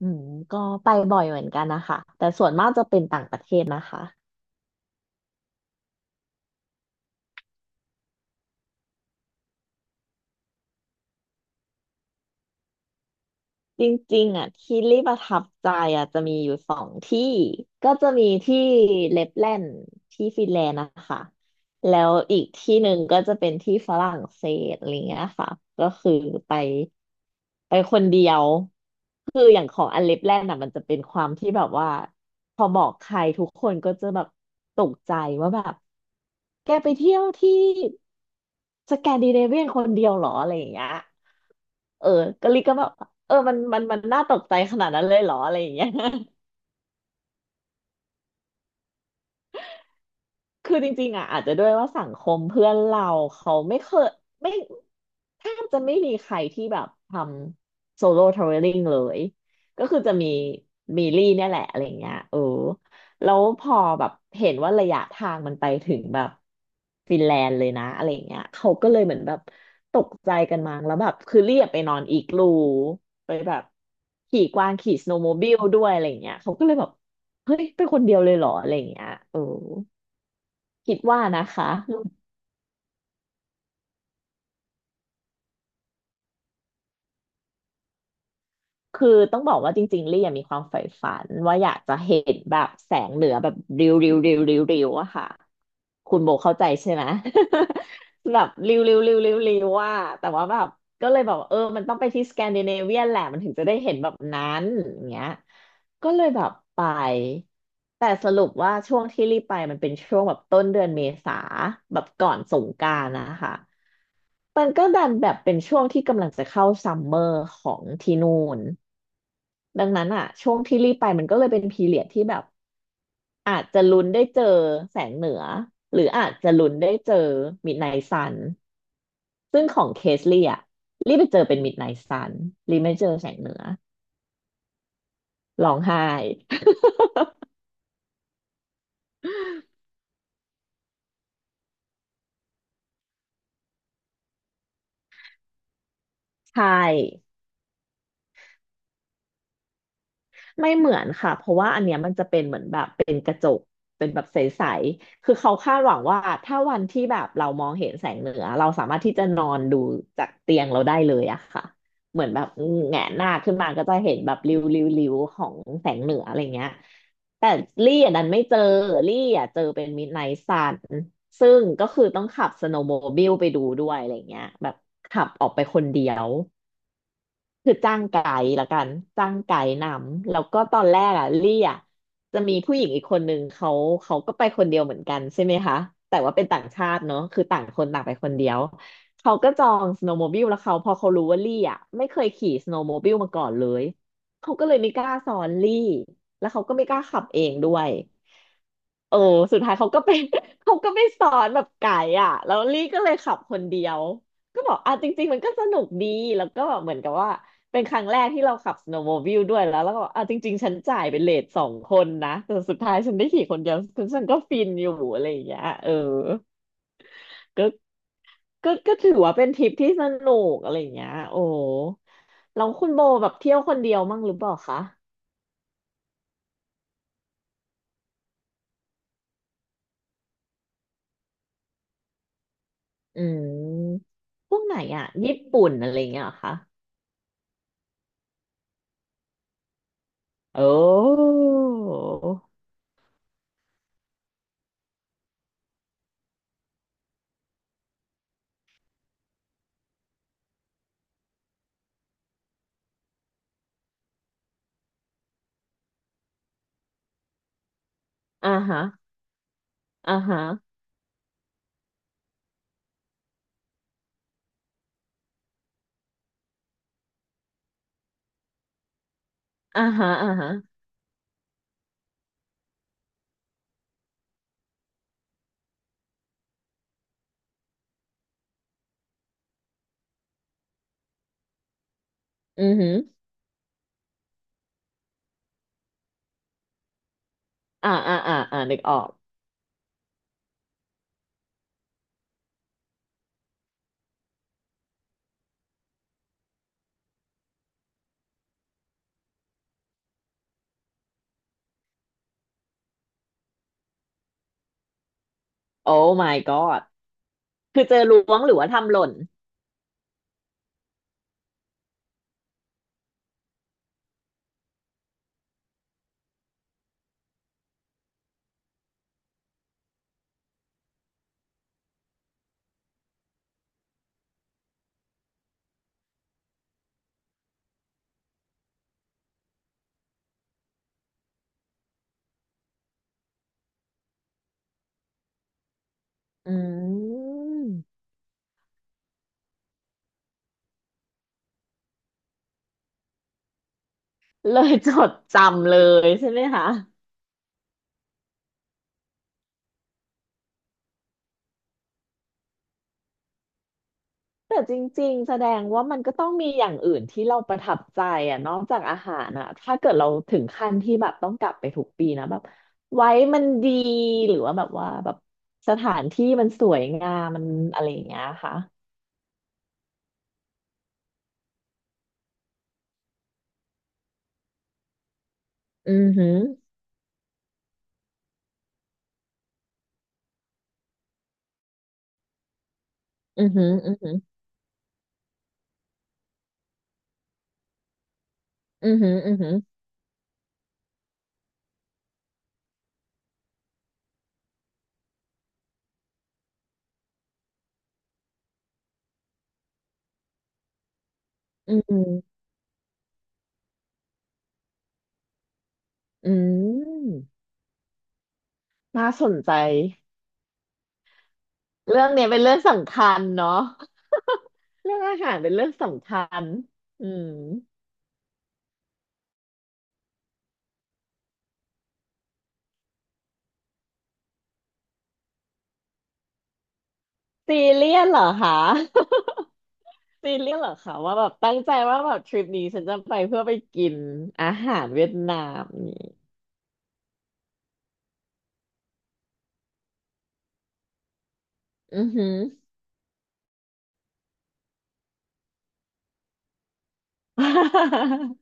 อืมก็ไปบ่อยเหมือนกันนะคะแต่ส่วนมากจะเป็นต่างประเทศนะคะ จริงๆอ่ะที่ลี่ประทับใจอ่ะจะมีอยู่สองที่ก็จะมีที่เลปแลนด์ที่ฟินแลนด์นะคะแล้วอีกที่หนึ่งก็จะเป็นที่ฝรั่งเศสอะไรเงี้ยค่ะก็คือไปไปคนเดียวคืออย่างของอันเลปแลนด์อ่ะมันจะเป็นความที่แบบว่าพอบอกใครทุกคนก็จะแบบตกใจว่าแบบแกไปเที่ยวที่สแกนดิเนเวียนคนเดียวเหรออะไรอย่างเงี้ย เออกะลิก็แบบเออมันน่าตกใจขนาดนั้นเลยเหรออะไรอย่างเงี้ย คือจริงๆอ่ะอาจจะด้วยว่าสังคมเพื่อนเราเขาไม่เคยไม่แทบจะไม่มีใครที่แบบทำโซโล่ทราเวลลิ่งเลยก็คือจะมีลี่เนี่ยแหละอะไรเงี้ยเออแล้วพอแบบเห็นว่าระยะทางมันไปถึงแบบฟินแลนด์เลยนะอะไรเงี้ยเขาก็เลยเหมือนแบบตกใจกันมั้งแล้วแบบคือเรียบไปนอนอีกลูไปแบบขี่กวางขี่สโนว์โมบิลด้วยอะไรเงี้ยเขาก็เลยแบบเฮ้ยเป็นคนเดียวเลยเหรออะไรอย่างเงี้ยเออ คิดว่านะคะ คือต้องบอกว่าจริงๆลี่ยังมีความใฝ่ฝันว่าอยากจะเห็นแบบแสงเหนือแบบริ้วริ้วริ้วริ้วริ้วอะค่ะคุณโบเข้าใจใช่ไหม แบบริ้วริ้วริ้วริ้วริ้วว่าแต่ว่าแบบก็เลยบอกว่าเออมันต้องไปที่สแกนดิเนเวียนแหละมันถึงจะได้เห็นแบบนั้นอย่างเงี้ยก็เลยแบบไปแต่สรุปว่าช่วงที่รีบไปมันเป็นช่วงแบบต้นเดือนเมษาแบบก่อนสงกรานต์นะคะ มันก็ดันแบบเป็นช่วงที่กำลังจะเข้าซัมเมอร์ของที่นู่นดังนั้นอ่ะช่วงที่รีบไปมันก็เลยเป็นพีเรียดที่แบบอาจจะลุ้นได้เจอแสงเหนือหรืออาจจะลุ้นได้เจอมิดไนท์ซันซึ่งของเคสลี่อ่ะรีบไปเจอเป็นมิดไนท์ซันรีบไม่เจอแสงเหนือร้องไห้ ใช่ ไม่เหมือนค่ะเพราะว่าอันเนี้ยมันจะเป็นเหมือนแบบเป็นกระจกเป็นแบบใสๆคือเขาคาดหวังว่าถ้าวันที่แบบเรามองเห็นแสงเหนือเราสามารถที่จะนอนดูจากเตียงเราได้เลยอะค่ะเหมือนแบบแงนหน้าขึ้นมาก็จะเห็นแบบริ้วริ้วริ้วของแสงเหนืออะไรเงี้ยแต่ลี่อันนั้นไม่เจอลี่อ่ะเจอเป็นมิดไนท์ซันซึ่งก็คือต้องขับสโนว์โมบิลไปดูด้วยอะไรเงี้ยแบบขับออกไปคนเดียว คือจ้างไกด์ละกันจ้างไกด์นำแล้วก็ตอนแรกอ่ะลี่อ่ะจะมีผู้หญิงอีกคนนึงเขาเขาก็ไปคนเดียวเหมือนกันใช่ไหมคะแต่ว่าเป็นต่างชาติเนอะคือต่างคนต่างไปคนเดียวเขาก็จองสโนว์โมบิลแล้วเขาพอเขารู้ว่าลี่อ่ะไม่เคยขี่สโนว์โมบิลมาก่อนเลยเขาก็เลยไม่กล้าสอนลี่แล้วเขาก็ไม่กล้าขับเองด้วย เออสุดท้ายเขาก็ไป เขาก็ไปสอนแบบไก่อ่ะแล้วลี่ก็เลยขับคนเดียวก็บอกอ่ะจริงๆมันก็สนุกดีแล้วก็แบบเหมือนกับว่าเป็นครั้งแรกที่เราขับ snowmobile ด้วยแล้วก็บอกอ่ะจริงๆฉันจ่ายเป็นเลทสองคนนะแต่สุดท้ายฉันได้ขี่คนเดียวฉันก็ฟินอยู่อะไรอย่างเงี้ยเออก็ก็ถือว่าเป็นทริปที่สนุกอะไรอย่างเงี้ยโอ้แล้วคุณโบแบบเที่ยวคนเดียวมั่งหรือเปล่าคะอืมพวกไหนอ่ะญี่ปุ่นอะไรอย่างเงี้ยเหรอคะ โอ้อ่าฮะอ่าฮะอ่าฮะอ่าฮะอือหืออ่านึกออกโอ้ my god คือเจอล้วงหรือว่าทำหล่นอืมเลยจดจำเลยใช่ไหมคะแต่จริงๆแสดงว่ามันก็ต้องมีอย่างอื่นที่เราประทับใจอ่ะนอกจากอาหารอ่ะถ้าเกิดเราถึงขั้นที่แบบต้องกลับไปทุกปีนะแบบไว้มันดีหรือว่าแบบว่าแบบสถานที่มันสวยงามมันอะไรอย่างเงี้ยค่ะอือหือ อือหืออือหืออือหืออือหืออืมอืมน่าสนใจ เรื่องเนี้ยเป็นเรื่องสำคัญเนาะเรื่องอาหารเป็นเรื่องสำคัญอืมซีเรียสเหรอคะ ซีเรียสเหรอคะว่าแบบตั้งใจว่าแบบทริปนี้ฉันจะไปเพื่อไปกินอาหารเวียดนามนี่อือหือ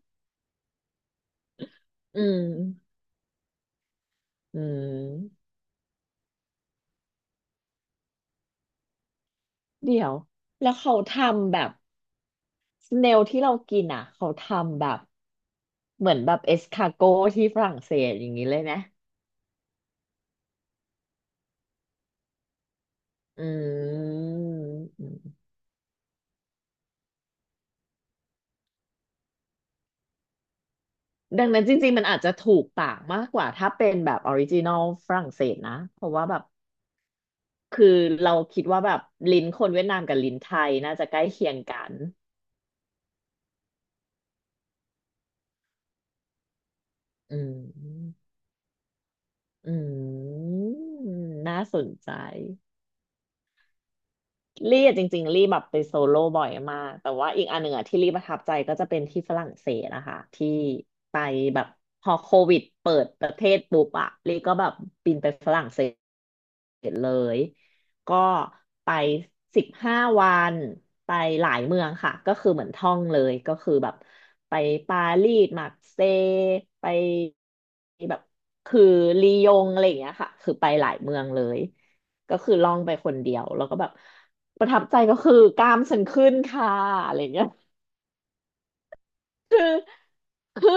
อืมอืมเดี๋ยว แล้วเขาทำแบบ เนลที่เรากินอ่ะเขาทำแบบเหมือนแบบเอสคาโกที่ฝรั่งเศสอย่างนี้เลยนะอืมดังนั้นจริงๆมันอาจจะถูกปากมากกว่าถ้าเป็นแบบออริจินอลฝรั่งเศสนะเพราะว่าแบบคือเราคิดว่าแบบลิ้นคนเวียดนามกับลิ้นไทยน่าจะใกล้เคียงกันอืมอืมน่าสนใจ ลี่อะจริงๆลี่แบบไปโซโล่บ่อยมากแต่ว่าอีกอันหนึ่งอะที่ลี่ประทับใจก็จะเป็นที่ฝรั่งเศสนะคะที่ไปแบบพอโควิดเปิดประเทศปุ๊บอะลี่ก็แบบบินไปฝรั่งเศ เสร็จเลยก็ไป15 วันไปหลายเมืองค่ะก็คือเหมือนท่องเลยก็คือแบบไปปารีสมาร์กเซย์ไปแบบคือลียงอะไรอย่างเงี้ยค่ะคือไปหลายเมืองเลยก็คือล่องไปคนเดียวแล้วก็แบบประทับใจก็คือกล้ามฉันขึ้นค่ะอะไรอย่างเงี้ยคือคือ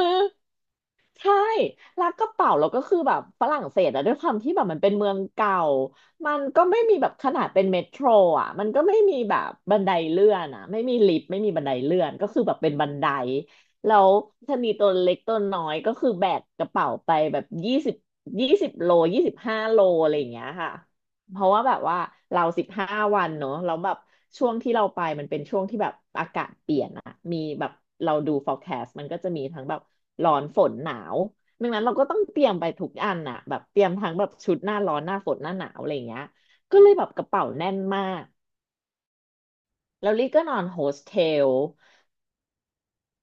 ใช่ร้านกระเป๋าเราก็คือแบบฝรั่งเศสอะด้วยความที่แบบมันเป็นเมืองเก่า มันก็ไม่มีแบบขนาดเป็นเมโทรอะมันก็ไม่มีแบบบันไดเลื่อนอะไม่มีลิฟต์ไม่มีบันไดเลื่อนก็คือแบบเป็นบันไดแล้วชะนีตัวเล็กตัวน้อยก็คือแบกกระเป๋าไปแบบยี่สิบ20 โลยี่สิบห้าโลอะไรอย่างเงี้ยค่ะ เพราะว่าแบบว่าเรา15 วันเนอะเราแล้วแบบช่วงที่เราไปมันเป็นช่วงที่แบบอากาศเปลี่ยนอะมีแบบเราดู forecast มันก็จะมีทั้งแบบร้อนฝนหนาวดังนั้นเราก็ต้องเตรียมไปทุกอันอะแบบเตรียมทั้งแบบชุดหน้าร้อนหน้าฝนหน้าหนาวอะไรอย่างเงี้ยก็เลยแบบกระเป๋าแน่นมากแล้วลี่ก็นอนโฮสเทล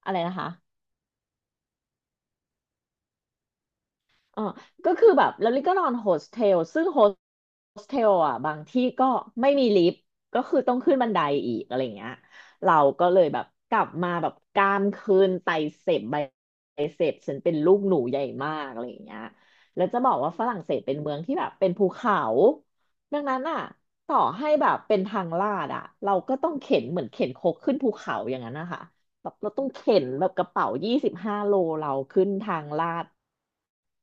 อะไรนะคะ เออก็คือแบบแล้วลิก็นอนโฮสเทลซึ่งโฮสเทลอ่ะบางที่ก็ไม่มีลิฟต์ก็คือต้องขึ้นบันไดอีกอะไรเงี้ยเราก็เลยแบบกลับมาแบบกรามคืนไตเสพไบไบเสพฉันเป็นลูกหนูใหญ่มากอะไรเงี้ยแล้วจะบอกว่าฝรั่งเศสเป็นเมืองที่แบบเป็นภูเขาดังนั้นอ่ะต่อให้แบบเป็นทางลาดอ่ะเราก็ต้องเข็นเหมือนเข็นครกขึ้นภูเขาอย่างนั้นนะคะ แบบเราต้องเข็นแบบกระเป๋า25 โลเราขึ้นทางลาด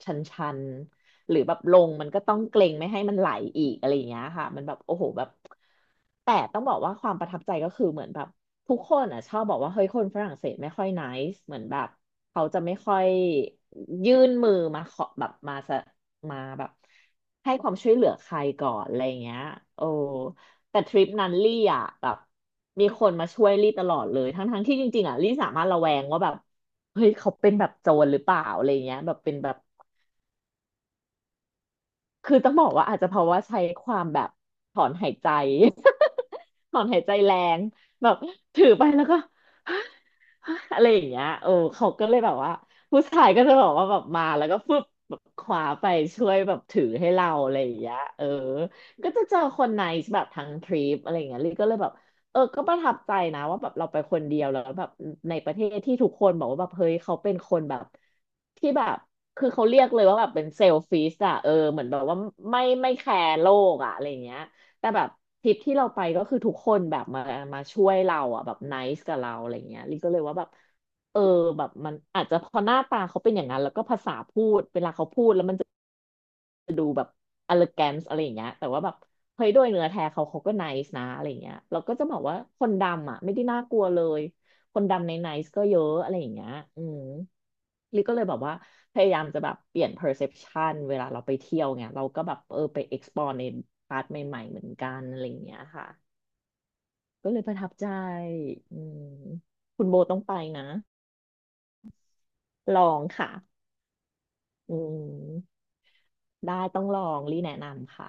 ชันชันหรือแบบลงมันก็ต้องเกรงไม่ให้มันไหลอีกอะไรอย่างเงี้ยค่ะมันแบบโอ้โหแบบแต่ต้องบอกว่าความประทับใจก็คือเหมือนแบบทุกคนอ่ะชอบบอกว่าเฮ้ยคนฝรั่งเศสไม่ค่อย nice เหมือนแบบเขาจะไม่ค่อยยื่นมือมาขอแบบมาแบบให้ความช่วยเหลือใครก่อนอะไรอย่างเงี้ยโอ้ แต่ทริปนั้นลี่อ่ะแบบมีคนมาช่วยลี่ตลอดเลยทั้งที่จริงๆอ่ะลี่สามารถระแวงว่าแบบเฮ้ยเขาเป็นแบบโจรหรือเปล่าอะไรเงี้ยแบบเป็นแบบคือต้องบอกว่าอาจจะเพราะว่าใช้ความแบบถอนหายใจ ถอนหายใจแรงแบบถือไปแล้วก็ อะไรอย่างเงี้ยโอ้เขาก็เลยแบบว่าผู้ชายก็จะบอกว่าแบบมาแล้วก็ฟึบแบบคว้าไปช่วยแบบถือให้เราอะไรอย่างเงี้ยเออก็จะเจอคนไนซ์แบบทั้งทริปอะไรอย่างเงี้ยลิก็เลยแบบ เออก็ประทับใจนะว่าแบบเราไปคนเดียวแล้วแบบในประเทศที่ทุกคนบอกว่าแบบเฮ้ยเขาเป็นคนแบบที่แบบคือเขาเรียกเลยว่าแบบเป็นเซลฟิชอะเออเหมือนแบบว่าไม่แคร์โลกอะอะไรเงี้ยแต่แบบทริปที่เราไปก็คือทุกคนแบบมาช่วยเราอะแบบไนซ์กับเราอะไรเงี้ยลิก็เลยว่าแบบเออแบบมันอาจจะเพอหน้าตาเขาเป็นอย่างนั้นแล้วก็ภาษาพูดเวลาเขาพูดแล้วมัน elegance อะไรอย่างเงี้ยแต่ว่าแบบเฮ้ยโดยเนื้อแท้เขาก็ nice นะอะไรอย่างเงี้ยเราก็จะบอกว่าคนดำอ่ะไม่ได้น่ากลัวเลยคนดำใน nice ก็เยอะอะไรอย่างเงี้ยอืมลิก็เลยแบบว่าพยายามจะแบบเปลี่ยน perception เวลาเราไปเที่ยวไงเราก็แบบเออไป explore ในพาร์ทใหม่ๆเหมือนกันอะไรอย่างเงี้ยค่ะก็เลยประทับใจอืมคุณโบต้องไปนะลองค่ะอืมได้ต้องลองรีแนะนำค่ะ